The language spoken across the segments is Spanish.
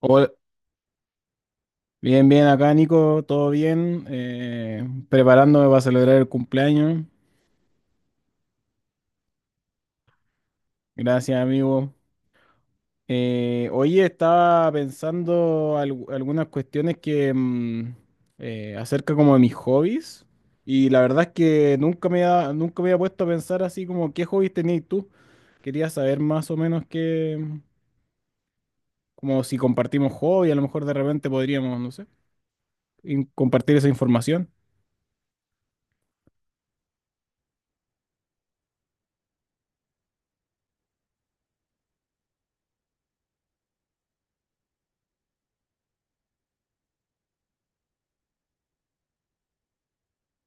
Hola. Bien, bien, acá Nico, todo bien, preparándome para celebrar el cumpleaños. Gracias, amigo. Hoy estaba pensando algunas cuestiones que acerca como de mis hobbies y la verdad es que nunca nunca me había puesto a pensar así como qué hobbies tenías tú. Quería saber más o menos qué, como si compartimos hobby, a lo mejor de repente podríamos, no sé, y compartir esa información.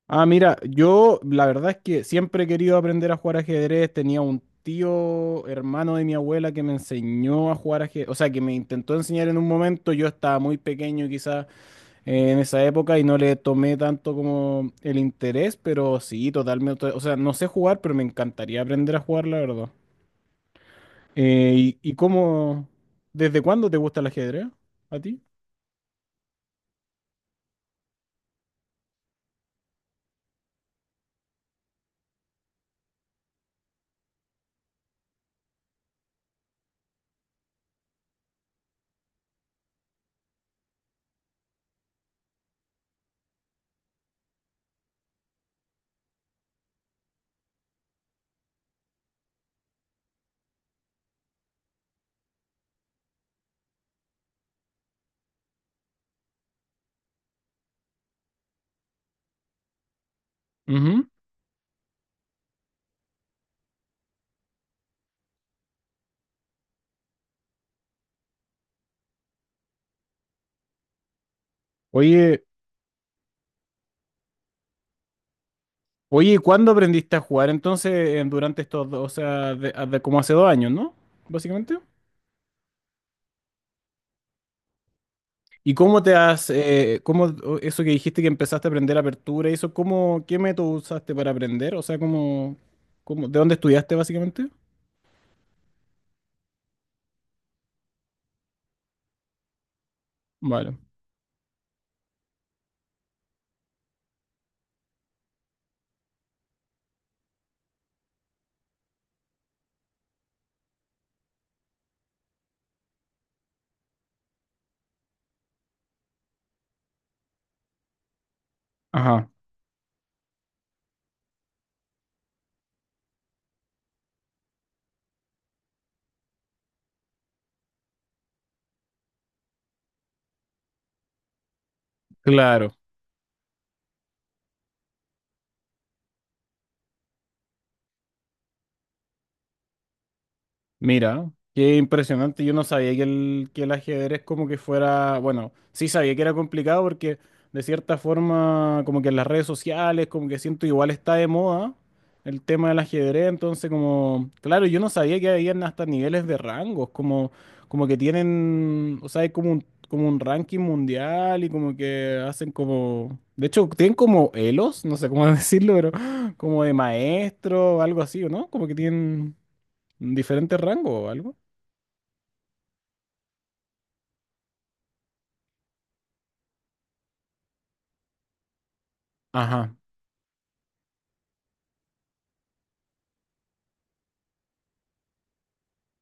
Ah, mira, yo la verdad es que siempre he querido aprender a jugar ajedrez. Tenía un tío, hermano de mi abuela, que me enseñó a jugar ajedrez, o sea, que me intentó enseñar en un momento. Yo estaba muy pequeño, quizás, en esa época y no le tomé tanto como el interés, pero sí, totalmente. O sea, no sé jugar, pero me encantaría aprender a jugar, la verdad. ¿Y cómo, desde cuándo te gusta el ajedrez a ti? Ujú. Oye, oye, ¿y cuándo aprendiste a jugar entonces durante estos dos, o sea, como hace 2 años, ¿no? Básicamente. ¿Y cómo te has, cómo eso que dijiste que empezaste a aprender apertura y eso, cómo, qué método usaste para aprender? O sea, ¿de dónde estudiaste básicamente? Vale. Ajá. Claro, mira, qué impresionante. Yo no sabía que el ajedrez como que fuera, bueno, sí sabía que era complicado porque de cierta forma como que en las redes sociales como que siento igual está de moda el tema del ajedrez, entonces como, claro, yo no sabía que habían hasta niveles de rangos, como, que tienen, o sea, hay como un ranking mundial y como que hacen como, de hecho, tienen como elos, no sé cómo decirlo, pero como de maestro o algo así, ¿o no? ¿Como que tienen diferente rango o algo? Ajá,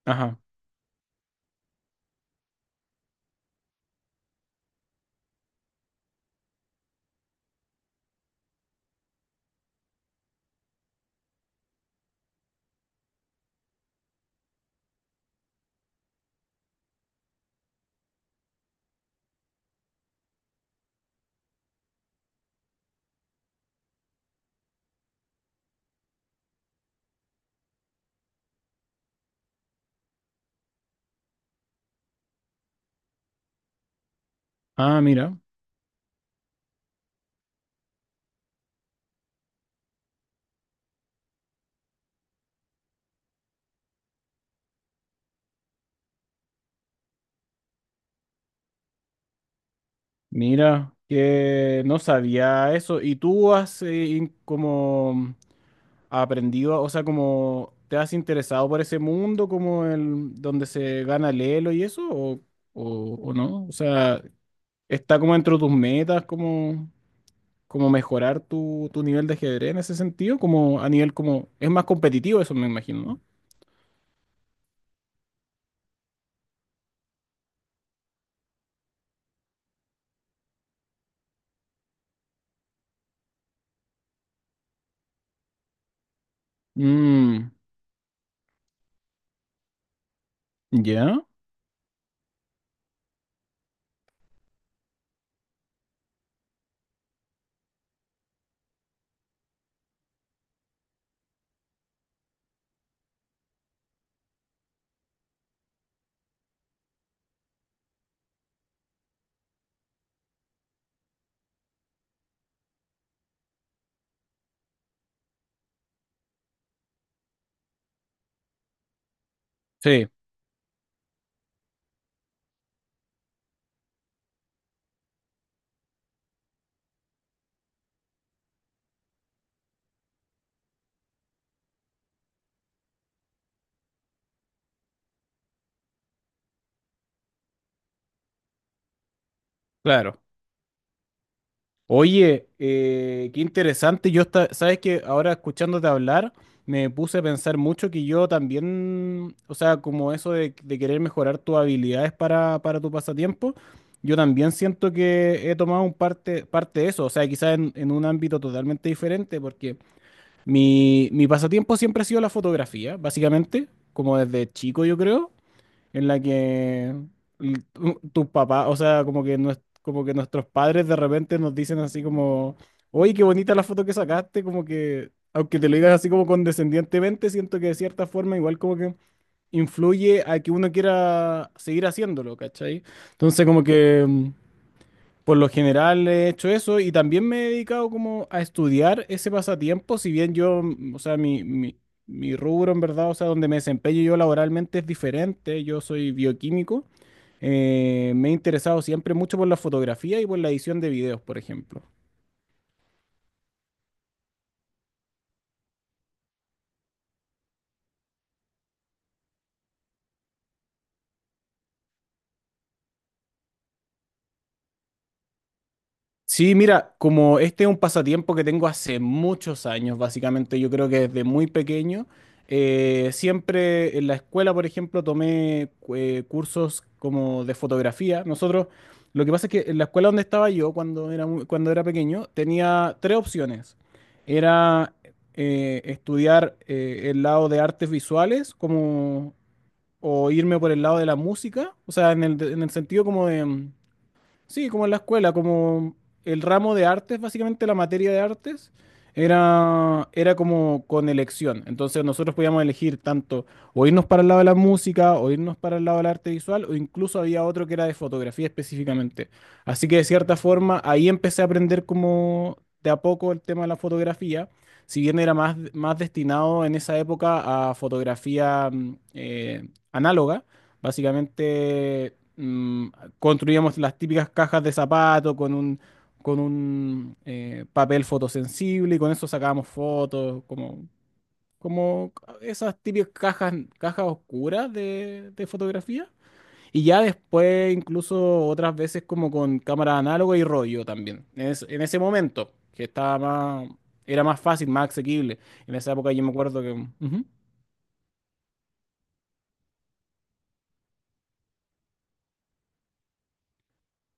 ajá. Ah, mira, mira, que no sabía eso. ¿Y tú has como aprendido, o sea, como te has interesado por ese mundo, como el donde se gana el Elo y eso, o no? O sea, ¿está como dentro de tus metas, como mejorar tu nivel de ajedrez en ese sentido? Como a nivel como, es más competitivo eso, me imagino, ¿no? Mm, ya. Sí, claro. Oye, qué interesante. Yo sabes que ahora escuchándote hablar, me puse a pensar mucho que yo también, o sea, como eso de querer mejorar tus habilidades para tu pasatiempo, yo también siento que he tomado un parte de eso, o sea, quizás en un ámbito totalmente diferente, porque mi pasatiempo siempre ha sido la fotografía, básicamente, como desde chico yo creo en la que tus papás, o sea, como que, como que nuestros padres de repente nos dicen así como, oye, qué bonita la foto que sacaste, como que, aunque te lo digas así como condescendientemente, siento que de cierta forma igual como que influye a que uno quiera seguir haciéndolo, ¿cachai? Entonces como que, por lo general he hecho eso y también me he dedicado como a estudiar ese pasatiempo, si bien yo, o sea, mi rubro en verdad, o sea, donde me desempeño yo laboralmente es diferente, yo soy bioquímico, me he interesado siempre mucho por la fotografía y por la edición de videos, por ejemplo. Sí, mira, como este es un pasatiempo que tengo hace muchos años, básicamente, yo creo que desde muy pequeño, siempre en la escuela, por ejemplo, tomé cursos como de fotografía. Nosotros, lo que pasa es que en la escuela donde estaba yo cuando era pequeño, tenía tres opciones. Era estudiar el lado de artes visuales, como, o irme por el lado de la música, o sea, en el sentido como de. Mm. Sí, como en la escuela, como el ramo de artes, básicamente la materia de artes, era como con elección. Entonces nosotros podíamos elegir tanto o irnos para el lado de la música, o irnos para el lado del arte visual, o incluso había otro que era de fotografía específicamente. Así que de cierta forma ahí empecé a aprender como de a poco el tema de la fotografía, si bien era más destinado en esa época a fotografía análoga, básicamente, mm, construíamos las típicas cajas de zapato con un papel fotosensible y con eso sacábamos fotos, como esas típicas cajas, cajas oscuras de fotografía. Y ya después incluso otras veces como con cámara análoga y rollo también. En ese momento, que era más fácil, más asequible. En esa época yo me acuerdo que. Ujú.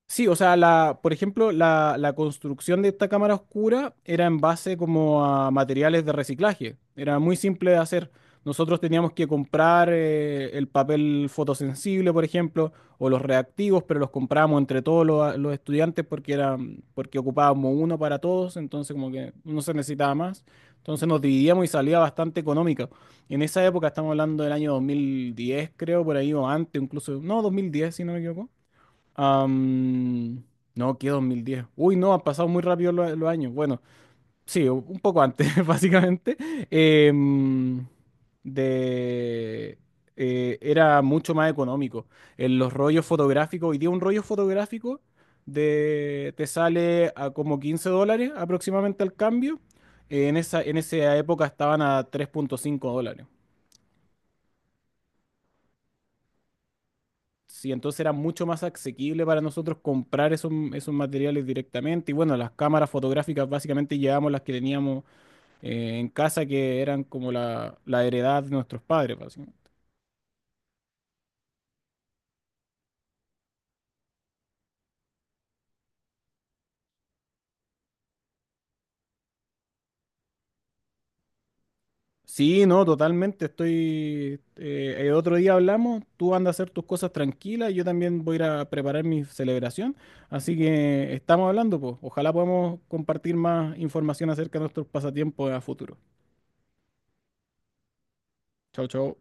Sí, o sea, la, por ejemplo, la construcción de esta cámara oscura era en base como a materiales de reciclaje. Era muy simple de hacer. Nosotros teníamos que comprar el papel fotosensible, por ejemplo, o los reactivos, pero los comprábamos entre todos los estudiantes porque porque ocupábamos uno para todos, entonces como que no se necesitaba más. Entonces nos dividíamos y salía bastante económica. En esa época, estamos hablando del año 2010, creo, por ahí, o antes, incluso, no, 2010, si no me equivoco. Am, no, que 2010. Uy, no, han pasado muy rápido los años. Bueno, sí, un poco antes, básicamente. Em, de, era mucho más económico. En los rollos fotográficos, hoy día un rollo fotográfico te sale a como $15 aproximadamente al cambio. En en esa época estaban a $3,5. Sí, entonces era mucho más asequible para nosotros comprar esos materiales directamente. Y bueno, las cámaras fotográficas básicamente llevamos las que teníamos en casa, que eran como la heredad de nuestros padres, básicamente. Sí, no, totalmente. Estoy. El otro día hablamos, tú andas a hacer tus cosas tranquilas, yo también voy a ir a preparar mi celebración. Así que estamos hablando, pues. Ojalá podamos compartir más información acerca de nuestros pasatiempos a futuro. Chau, chau.